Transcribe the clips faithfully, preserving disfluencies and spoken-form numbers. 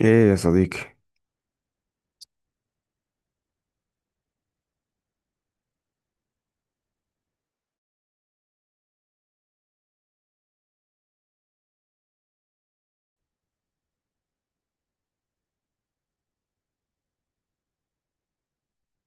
ايه يا صديقي.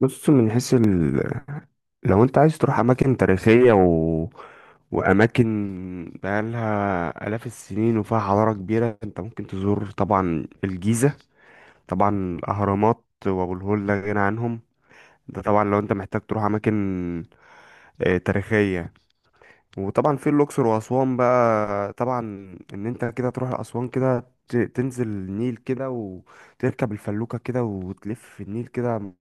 بص، من حيث ال... لو انت عايز تروح اماكن تاريخية و... واماكن بقالها الاف السنين وفيها حضارة كبيرة، انت ممكن تزور طبعا الجيزة. طبعا الاهرامات وابو الهول لا غنى عنهم. ده طبعا لو انت محتاج تروح اماكن آه، تاريخية. وطبعا في الاقصر واسوان بقى. طبعا ان انت كده تروح اسوان كده، ت- تنزل النيل كده وتركب الفلوكه كده وتلف في النيل كده. م-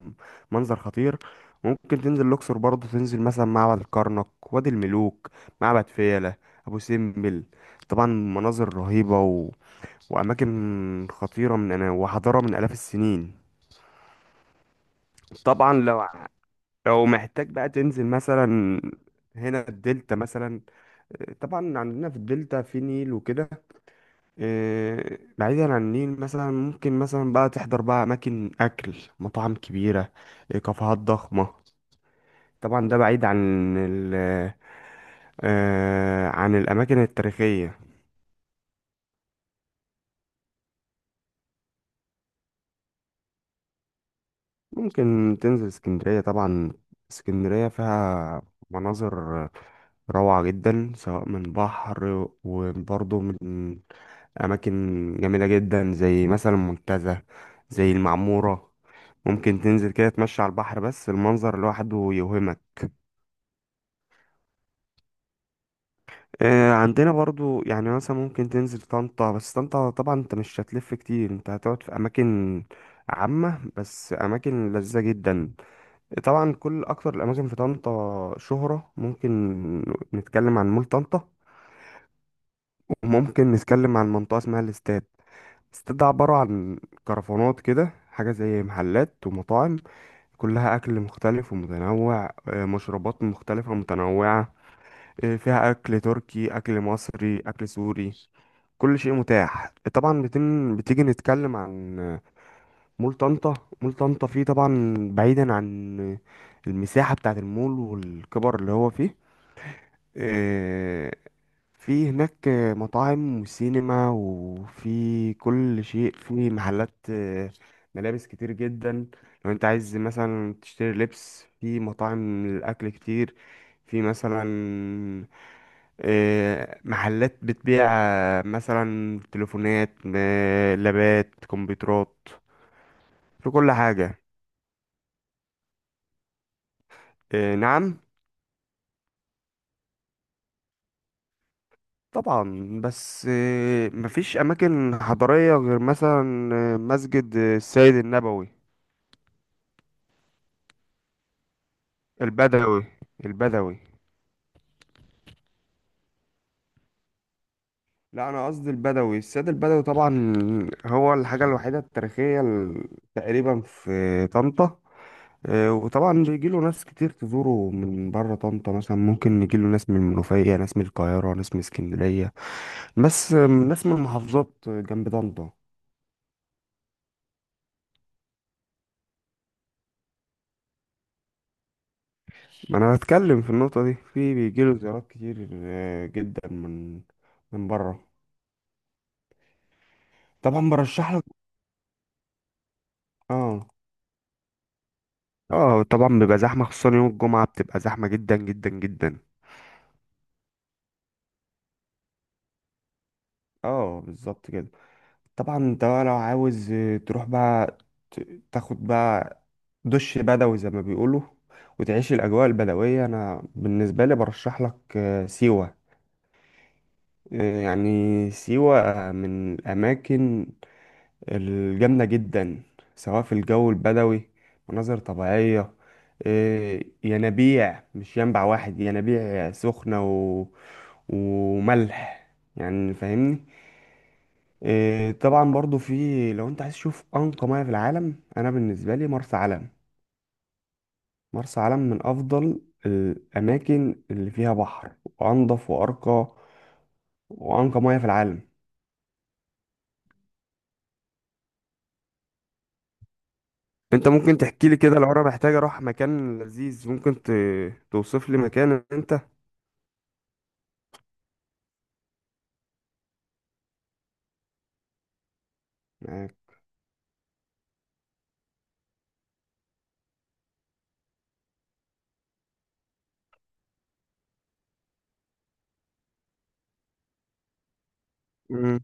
منظر خطير. ممكن تنزل الاقصر برضه، تنزل مثلا معبد الكرنك، وادي الملوك، معبد فيلة، ابو سمبل. طبعا مناظر رهيبه و... واماكن خطيره من أنا وحضاره من الاف السنين. طبعا لو لو محتاج بقى تنزل مثلا هنا الدلتا مثلا. طبعا عندنا في الدلتا في نيل وكده. آه، بعيدا عن النيل مثلا ممكن مثلا بقى تحضر بقى أماكن أكل، مطاعم كبيرة، آه، كافيهات ضخمة. طبعا ده بعيد عن ال آه، عن الأماكن التاريخية. ممكن تنزل اسكندرية طبعا. اسكندرية فيها مناظر روعة جدا، سواء من بحر وبرضه من أماكن جميلة جدا، زي مثلا المنتزه، زي المعمورة. ممكن تنزل كده تمشي على البحر، بس المنظر لوحده يوهمك. آه، عندنا برضو يعني مثلا ممكن تنزل طنطا، بس طنطا طبعا انت مش هتلف كتير، انت هتقعد في أماكن عامة بس أماكن لذيذة جدا. طبعا كل أكتر الأماكن في طنطا شهرة، ممكن نتكلم عن مول طنطا، وممكن نتكلم عن منطقة اسمها الاستاد. الاستاد ده عبارة عن كرفانات كده، حاجة زي محلات ومطاعم، كلها أكل مختلف ومتنوع، آه، مشروبات مختلفة ومتنوعة. آه، فيها أكل تركي، أكل مصري، أكل سوري، كل شيء متاح. طبعا بتن... بتيجي نتكلم عن آه، مول طنطا. مول طنطا فيه طبعا، بعيدا عن آه، المساحة بتاعة المول والكبر اللي هو فيه، آه، في هناك مطاعم وسينما وفي كل شيء، في محلات آه، ملابس كتير جدا، لو انت عايز مثلا تشتري لبس، في مطاعم للأكل كتير، في مثلا آه، محلات بتبيع آه، مثلا تليفونات، آه، لابات، كمبيوترات، في كل حاجة. آه، نعم. طبعا، بس آه، مفيش أماكن حضارية غير مثلا آه، مسجد السيد النبوي. البدوي، البدوي. لا، أنا قصدي البدوي، السيد البدوي طبعا. هو الحاجة الوحيدة التاريخية ال- تقريبا في طنطا. آه، وطبعا بيجيله ناس كتير تزوره من بره طنطا، مثلا ممكن يجيله ناس من المنوفية، ناس من القاهرة، ناس من اسكندرية. بس آه، ناس من محافظات جنب طنطا. ما انا بتكلم في النقطة دي، في بيجيله زيارات كتير آه، جدا من من بره. طبعا برشح لك. اه. اه طبعا بيبقى زحمة، خصوصا يوم الجمعة بتبقى زحمة جدا جدا جدا. اه بالظبط كده. طبعا انت بقى لو عاوز آه، تروح بقى، ت- تاخد بقى دش بدوي زي ما بيقولوا وتعيش الأجواء البدوية. أنا بالنسبة لي برشح لك آه، سيوة. آه، يعني سيوة آه، من الأماكن الجامدة جدا، سواء في الجو البدوي، مناظر طبيعية، إيه، ينابيع، مش ينبع واحد، ينابيع سخنة و... وملح، يعني فاهمني. إيه، طبعا برضو، في لو انت عايز تشوف أنقى مياه في العالم، أنا بالنسبة لي مرسى علم. مرسى علم من أفضل الأماكن اللي فيها بحر، وأنضف وأرقى وأنقى مياه في العالم. انت ممكن تحكي لي كده، لو انا محتاج اروح مكان لذيذ، ممكن ت... توصف لي مكان انت. معاك. مم.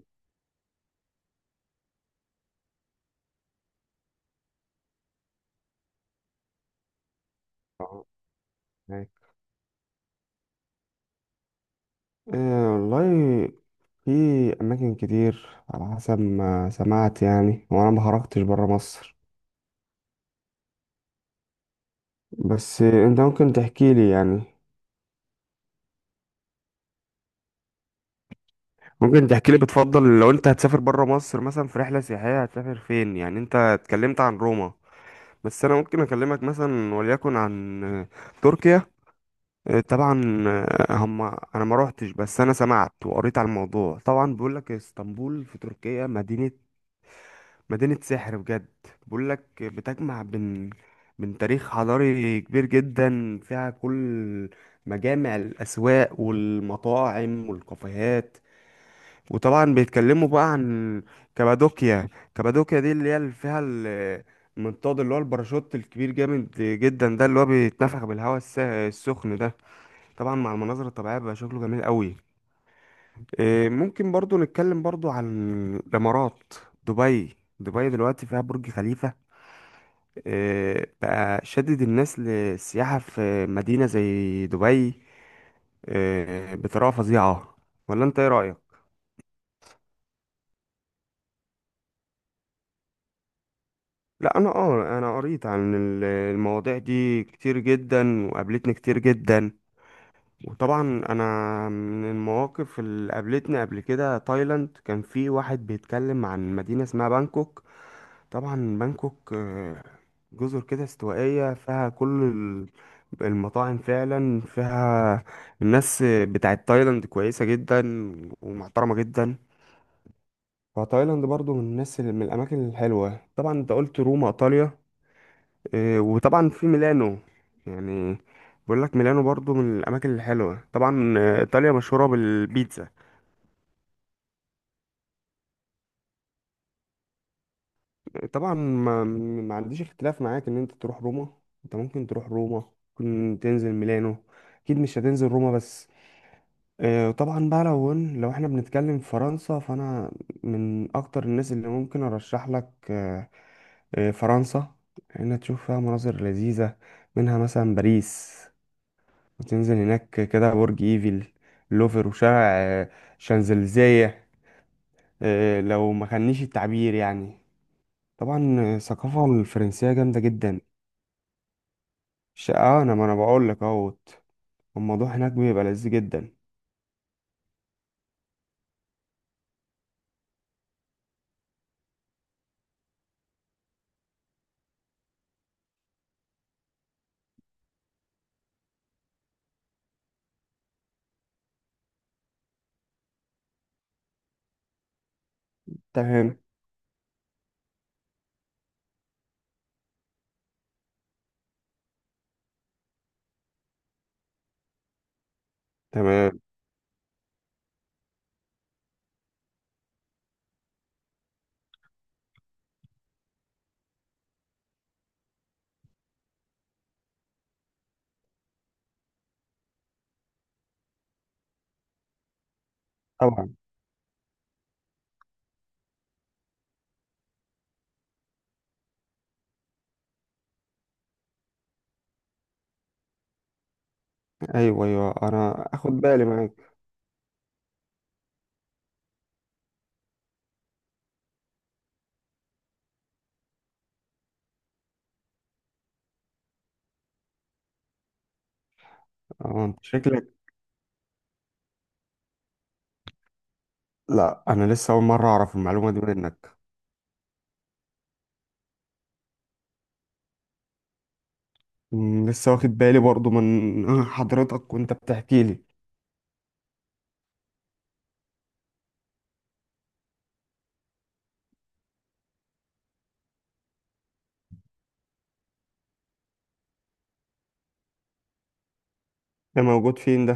أه، معاك. أه والله، في أماكن كتير على حسب ما سمعت، يعني وأنا ما خرجتش برا مصر. بس أنت ممكن تحكي لي يعني، ممكن تحكي لي بتفضل لو أنت هتسافر برا مصر مثلا في رحلة سياحية، هتسافر فين يعني؟ أنت اتكلمت عن روما، بس أنا ممكن أكلمك مثلا وليكن عن آه، تركيا. آه، طبعا، آه، هم، أنا ما روحتش، بس أنا سمعت وقريت على الموضوع. طبعا بيقول لك اسطنبول في تركيا مدينة مدينة سحر بجد. بقول لك بتجمع بين، من تاريخ حضاري كبير جدا، فيها كل مجامع الأسواق والمطاعم والكافيهات. وطبعا بيتكلموا بقى عن كابادوكيا. كابادوكيا دي اللي هي اللي فيها ال- المنطاد، اللي هو الباراشوت الكبير جامد جدا ده، اللي هو بيتنفخ بالهواء الس- السخن ده. طبعا مع المناظر الطبيعية بيبقى شكله جميل قوي. إيه، ممكن برضو نتكلم برضو عن الإمارات. دبي دبي دلوقتي فيها برج خليفة. آه، بقى شدد الناس للسياحة في مدينة زي دبي، آه، بطريقة فظيعة. ولا انت ايه رأيك؟ لا، انا اه انا قريت عن ال- المواضيع دي كتير جدا، وقابلتني كتير جدا. وطبعا انا من المواقف اللي قابلتني قبل كده تايلاند، كان في واحد بيتكلم عن مدينة اسمها بانكوك. طبعا بانكوك آه، جزر كده استوائية، فيها كل ال- المطاعم، فعلا فيها الناس بتاعت تايلاند كويسة جدا ومحترمة جدا. فتايلاند برضو من الناس اللي، من الأماكن الحلوة. طبعا انت قلت روما إيطاليا، آه، وطبعا في ميلانو يعني. بقول لك ميلانو برضو من الأماكن الحلوة. طبعا آه، إيطاليا مشهورة بالبيتزا. طبعا ما, ما عنديش اختلاف معاك ان انت تروح روما. انت ممكن تروح روما، ممكن تنزل ميلانو، اكيد مش هتنزل روما بس. آه، طبعا بقى لو قلنا- لو احنا بنتكلم في فرنسا، فانا من اكتر الناس اللي ممكن ارشح لك آه، آه، فرنسا، انها تشوف فيها مناظر لذيذة. منها مثلا باريس، وتنزل هناك كده برج ايفل، لوفر، وشارع آه، شانزليزيه، آه، لو ما خانيش التعبير يعني. طبعا الثقافة الفرنسية جامدة جدا. ش- اه انا، ما انا بقول لك اهوت، الموضوع هناك بيبقى لذيذ جدا. تمام. تمام طبعا. ايوه ايوه، انا اخد بالي معاك. اه انت شكلك. لا، انا لسه اول مره اعرف المعلومه دي منك. مم، لسه واخد بالي برضو من حضرتك وانت بتحكي لي. ده موجود فين ده؟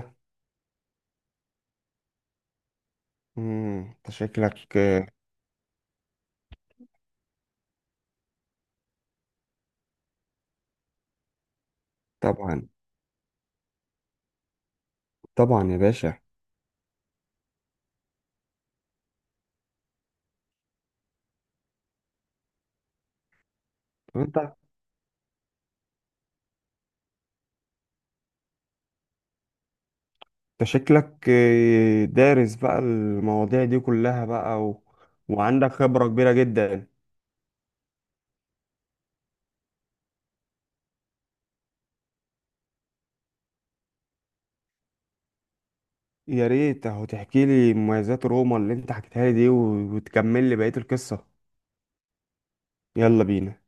مم، انت شكلك آه، طبعا. طبعا يا باشا. طب انت، انت شكلك آه، دارس بقى المواضيع دي كلها بقى و... وعندك خبره كبيره جدا. يا ريت اهو، تحكي لي مميزات روما اللي انت حكيتها لي دي و- وتكمل لي بقية القصة. يلا بينا.